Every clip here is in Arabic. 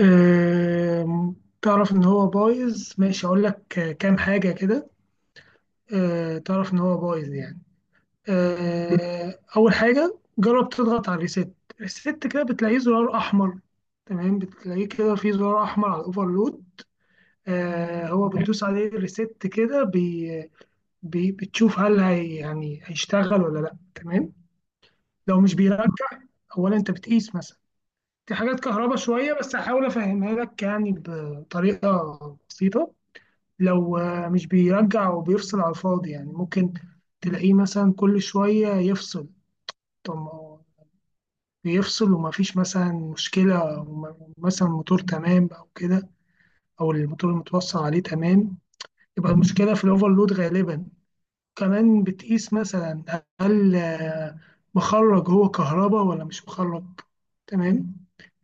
آم، تعرف إن هو بايظ ماشي أقول لك كام حاجة كده. تعرف إن هو بايظ يعني. أول حاجة جرب تضغط على الريست كده، بتلاقيه زرار أحمر. تمام، بتلاقيه كده فيه زرار أحمر على الأوفرلود. هو بتدوس عليه الريست كده، بي بي بتشوف هل هي يعني هيشتغل ولا لأ. تمام. لو مش بيرجع، أولا أنت بتقيس مثلا، دي حاجات كهرباء شوية بس هحاول أفهمها لك يعني بطريقة بسيطة. لو مش بيرجع وبيفصل على الفاضي، يعني ممكن تلاقيه مثلا كل شوية يفصل. طب ما هو بيفصل ومفيش مثلا مشكلة، مثلا الموتور تمام أو كده، أو الموتور المتوصل عليه تمام، يبقى المشكلة في الأوفرلود غالبا. كمان بتقيس مثلا هل مخرج هو كهرباء ولا مش مخرج. تمام.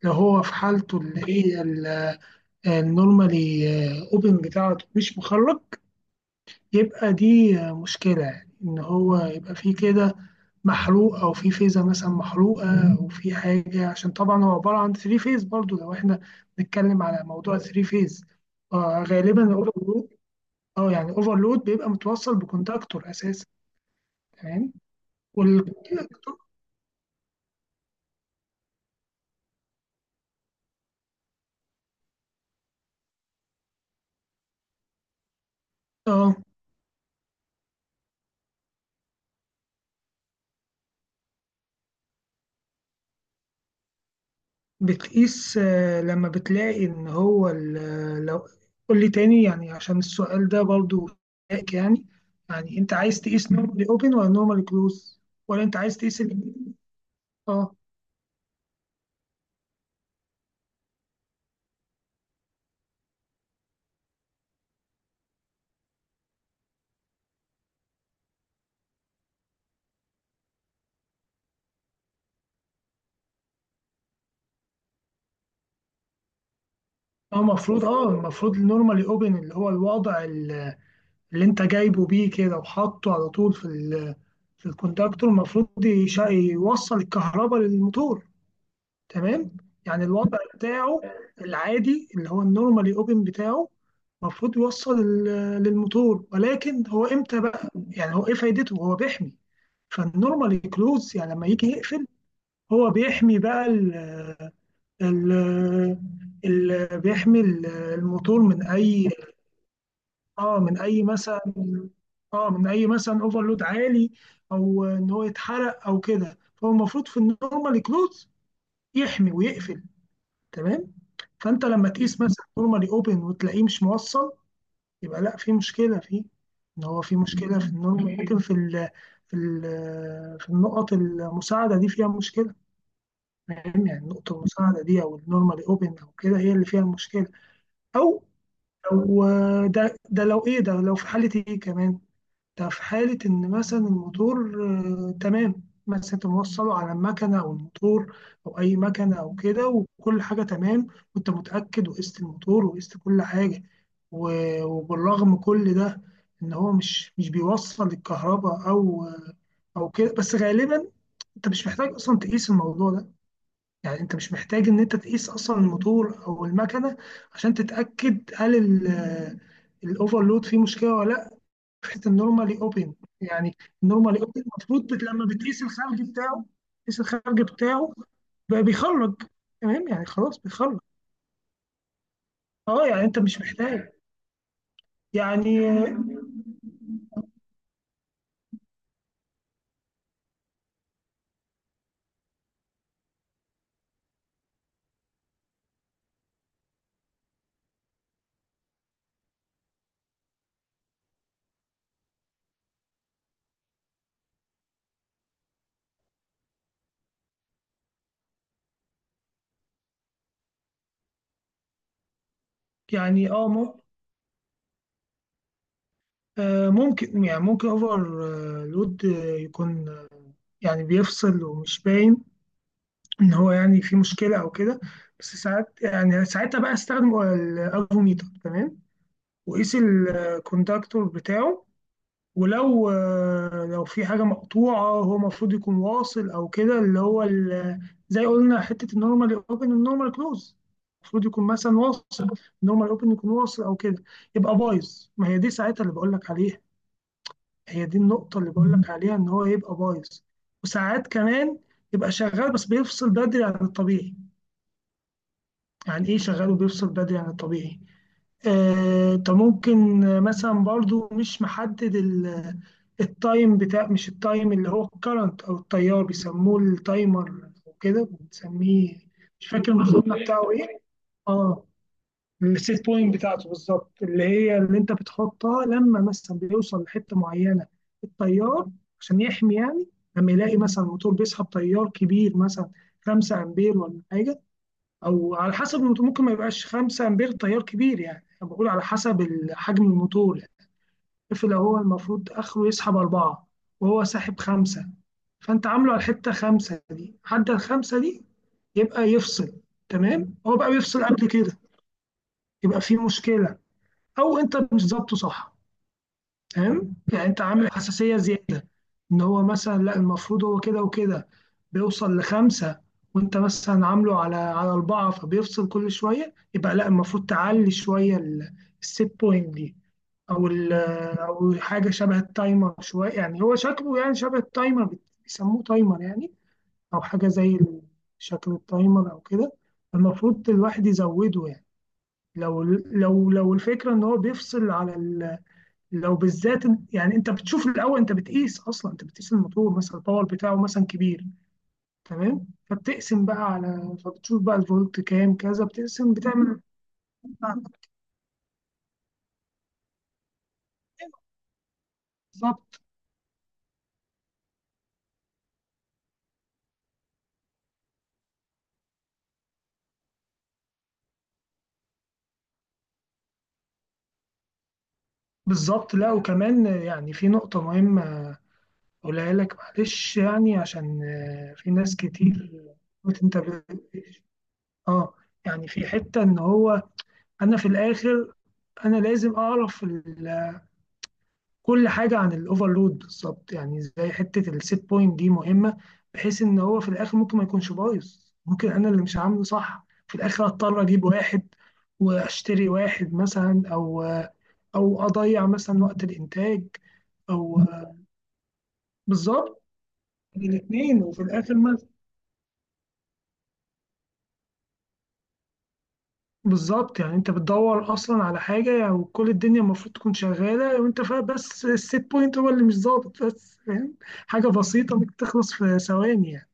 لو هو في حالته اللي هي النورمالي اوبن بتاعته مش مخرج، يبقى دي مشكلة، يعني إن هو يبقى في كده محروق، أو في فيزة مثلا محروقة، أو في حاجة. عشان طبعا هو عبارة عن ثري فيز، برضو لو إحنا بنتكلم على موضوع ثري فيز. آه، غالبا الأوفرلود، أه يعني أوفرلود بيبقى متوصل بكونتاكتور أساسا. تمام، والكونتاكتور بتقيس. لما بتلاقي ان هو لو، قول لي تاني يعني، عشان السؤال ده برضو شائك يعني. يعني انت عايز تقيس نورمالي اوبن ولا نورمالي كلوز، ولا انت عايز تقيس اه. اه المفروض النورمالي اوبن اللي هو الوضع اللي انت جايبه بيه كده وحاطه على طول في في الكونتاكتور، المفروض يوصل الكهرباء للموتور. تمام. يعني الوضع بتاعه العادي اللي هو النورمالي اوبن بتاعه، المفروض يوصل للموتور. ولكن هو امتى بقى؟ يعني هو ايه فايدته؟ هو بيحمي. فالنورمالي كلوز يعني لما يجي يقفل، هو بيحمي بقى ال ال بيحمي الموتور من اي، اه من اي مثلا، اه من اي مثلا اوفرلود عالي، او ان هو يتحرق او كده. فهو المفروض في النورمالي كلوز يحمي ويقفل. تمام. فانت لما تقيس مثلا نورمالي اوبن وتلاقيه مش موصل، يبقى لا، في مشكله فيه. ان هو في مشكله في النورمال، ممكن في ال في ال في النقط المساعده دي فيها مشكله. فاهم يعني النقطه المساعده دي او النورمالي اوبن او كده هي اللي فيها المشكله. او لو، ده لو في حاله ايه كمان. ده في حالة إن مثلا الموتور، تمام، مثلا أنت موصله على المكنة أو الموتور أو أي مكنة أو كده، وكل حاجة تمام، وأنت متأكد وقست الموتور وقست كل حاجة، وبالرغم كل ده إن هو مش بيوصل الكهرباء أو أو كده. بس غالبا أنت مش محتاج أصلا تقيس الموضوع ده. يعني أنت مش محتاج إن أنت تقيس أصلا الموتور أو المكنة عشان تتأكد هل الأوفرلود فيه مشكلة ولا لأ. فكره النورمالي اوبن يعني، النورمالي اوبن المفروض لما بتقيس الخرج بتاعه، تقيس الخرج بتاعه بقى بيخرج. تمام، يعني خلاص بيخرج. اه، يعني انت مش محتاج. يعني يعني اه ممكن، ممكن، يعني ممكن اوفر لود يكون يعني بيفصل ومش باين ان هو يعني في مشكله او كده. بس ساعات يعني، ساعتها بقى استخدم الافوميتر، تمام، وقيس الكوندكتور بتاعه. ولو لو في حاجة مقطوعة، هو المفروض يكون واصل أو كده، اللي هو زي قلنا حتة النورمال أوبن النورمال كلوز، المفروض يكون مثلا واصل، النورمال أوبن يكون واصل أو كده، يبقى بايظ. ما هي دي ساعتها اللي بقول لك عليها، هي دي النقطة اللي بقول لك عليها إن هو يبقى بايظ. وساعات كمان يبقى شغال بس بيفصل بدري عن الطبيعي. يعني إيه شغال وبيفصل بدري عن الطبيعي؟ انت ممكن مثلا برضو مش محدد التايم بتاع، مش التايم، اللي هو الكرنت او التيار، بيسموه التايمر او كده بنسميه، مش فاكر المسمى بتاعه ايه. اه، السيت بوينت بتاعته بالظبط، اللي هي اللي انت بتحطها لما مثلا بيوصل لحته معينه التيار عشان يحمي يعني. لما يلاقي مثلا الموتور بيسحب تيار كبير مثلا 5 امبير ولا حاجه، او على حسب الموتور، ممكن ما يبقاش 5 امبير تيار كبير، يعني انا بقول على حسب حجم الموتور يعني. الطفل هو المفروض اخره يسحب أربعة، وهو ساحب خمسة. فانت عامله على الحتة خمسة دي، عدى الخمسة دي يبقى يفصل. تمام. هو بقى بيفصل قبل كده، يبقى في مشكلة، او انت مش ظابطه صح. فاهم يعني؟ انت عامل حساسيه زياده، ان هو مثلا لا، المفروض هو كده وكده بيوصل لخمسه، وانت مثلا عامله على على اربعه، فبيفصل كل شويه. يبقى لا، المفروض تعلي شويه الست بوينت دي، او او حاجه شبه التايمر شويه، يعني هو شكله يعني شبه التايمر، بيسموه تايمر يعني، او حاجه زي شكل التايمر او كده، المفروض الواحد يزوده يعني. لو الفكره ان هو بيفصل على، لو بالذات يعني انت بتشوف الاول، انت بتقيس اصلا، انت بتقيس الموتور مثلا الباور بتاعه مثلا كبير، تمام، فبتقسم بقى على، فبتشوف بقى الفولت كام كذا، بتقسم بتعمل. بالظبط. بالظبط. لا وكمان يعني في نقطة مهمة اقولها لك معلش، يعني عشان في ناس كتير، قلت انت ب... اه، يعني في حتة ان هو، انا في الاخر انا لازم اعرف ال، كل حاجه عن الاوفرلود بالظبط، يعني زي حته السيت بوينت دي مهمه، بحيث ان هو في الاخر ممكن ما يكونش بايظ، ممكن انا اللي مش عامله صح، في الاخر اضطر اجيب واحد، واشتري واحد مثلا، او او اضيع مثلا وقت الانتاج، او، بالظبط الاثنين، وفي الاخر ما، بالظبط. يعني انت بتدور اصلا على حاجه يعني، وكل الدنيا المفروض تكون شغاله وانت فاهم، بس السيت بوينت هو اللي مش ظابط بس، فاهم؟ حاجه بسيطه ممكن تخلص في ثواني يعني.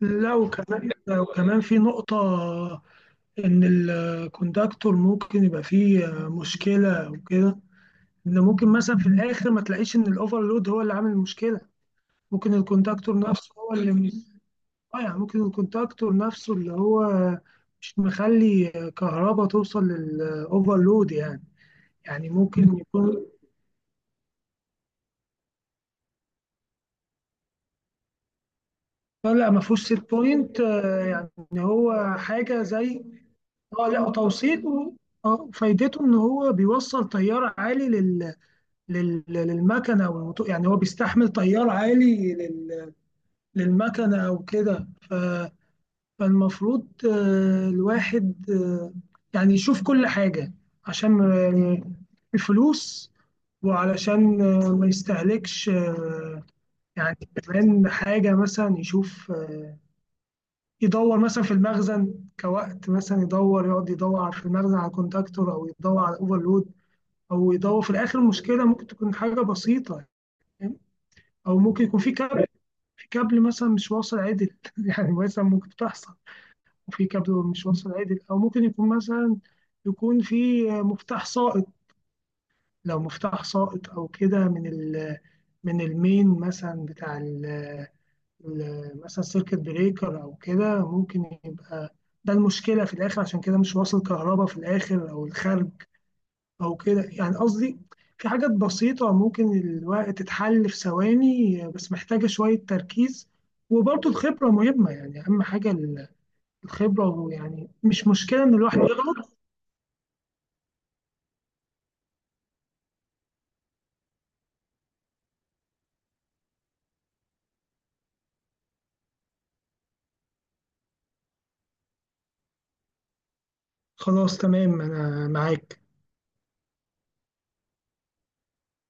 لا، وكمان في نقطة إن الكوندكتور ممكن يبقى فيه مشكلة وكده، إن ممكن مثلا في الآخر ما تلاقيش إن الأوفرلود هو اللي عامل المشكلة، ممكن الكوندكتور نفسه هو اللي، آه يعني ممكن الكوندكتور نفسه اللي هو مش مخلي كهرباء توصل للأوفرلود يعني. يعني ممكن يكون، لا ما فيهوش سيت بوينت. يعني هو حاجة زي، اه لا توصيله، اه فايدته ان هو بيوصل تيار عالي لل... لل... للمكنه يعني هو بيستحمل تيار عالي لل... للمكنه او كده، ف... فالمفروض الواحد يعني يشوف كل حاجه عشان الفلوس، وعلشان ما يستهلكش يعني كمان حاجه مثلا يشوف، يدور مثلا في المخزن، كوقت مثلا يدور يقعد يدور في المخزن على كونتاكتور او يدور على اوفرلود، او يدور في الاخر المشكله ممكن تكون حاجه بسيطه. فاهم؟ او ممكن يكون في كابل، في كابل مثلا مش واصل عدل يعني مثلا ممكن تحصل، وفي كابل مش واصل عدل، او ممكن يكون مثلا يكون في مفتاح سائط. لو مفتاح سائط او كده من ال، من المين مثلا بتاع ال، مثلا سيركت بريكر او كده، ممكن يبقى ده المشكله في الاخر عشان كده مش واصل كهرباء في الاخر او الخارج او كده يعني، قصدي في حاجات بسيطه ممكن الوقت تتحل في ثواني، بس محتاجه شويه تركيز. وبرضه الخبره مهمه، يعني اهم حاجه الخبره يعني، مش مشكله ان الواحد يغلط. خلاص تمام، انا معاك.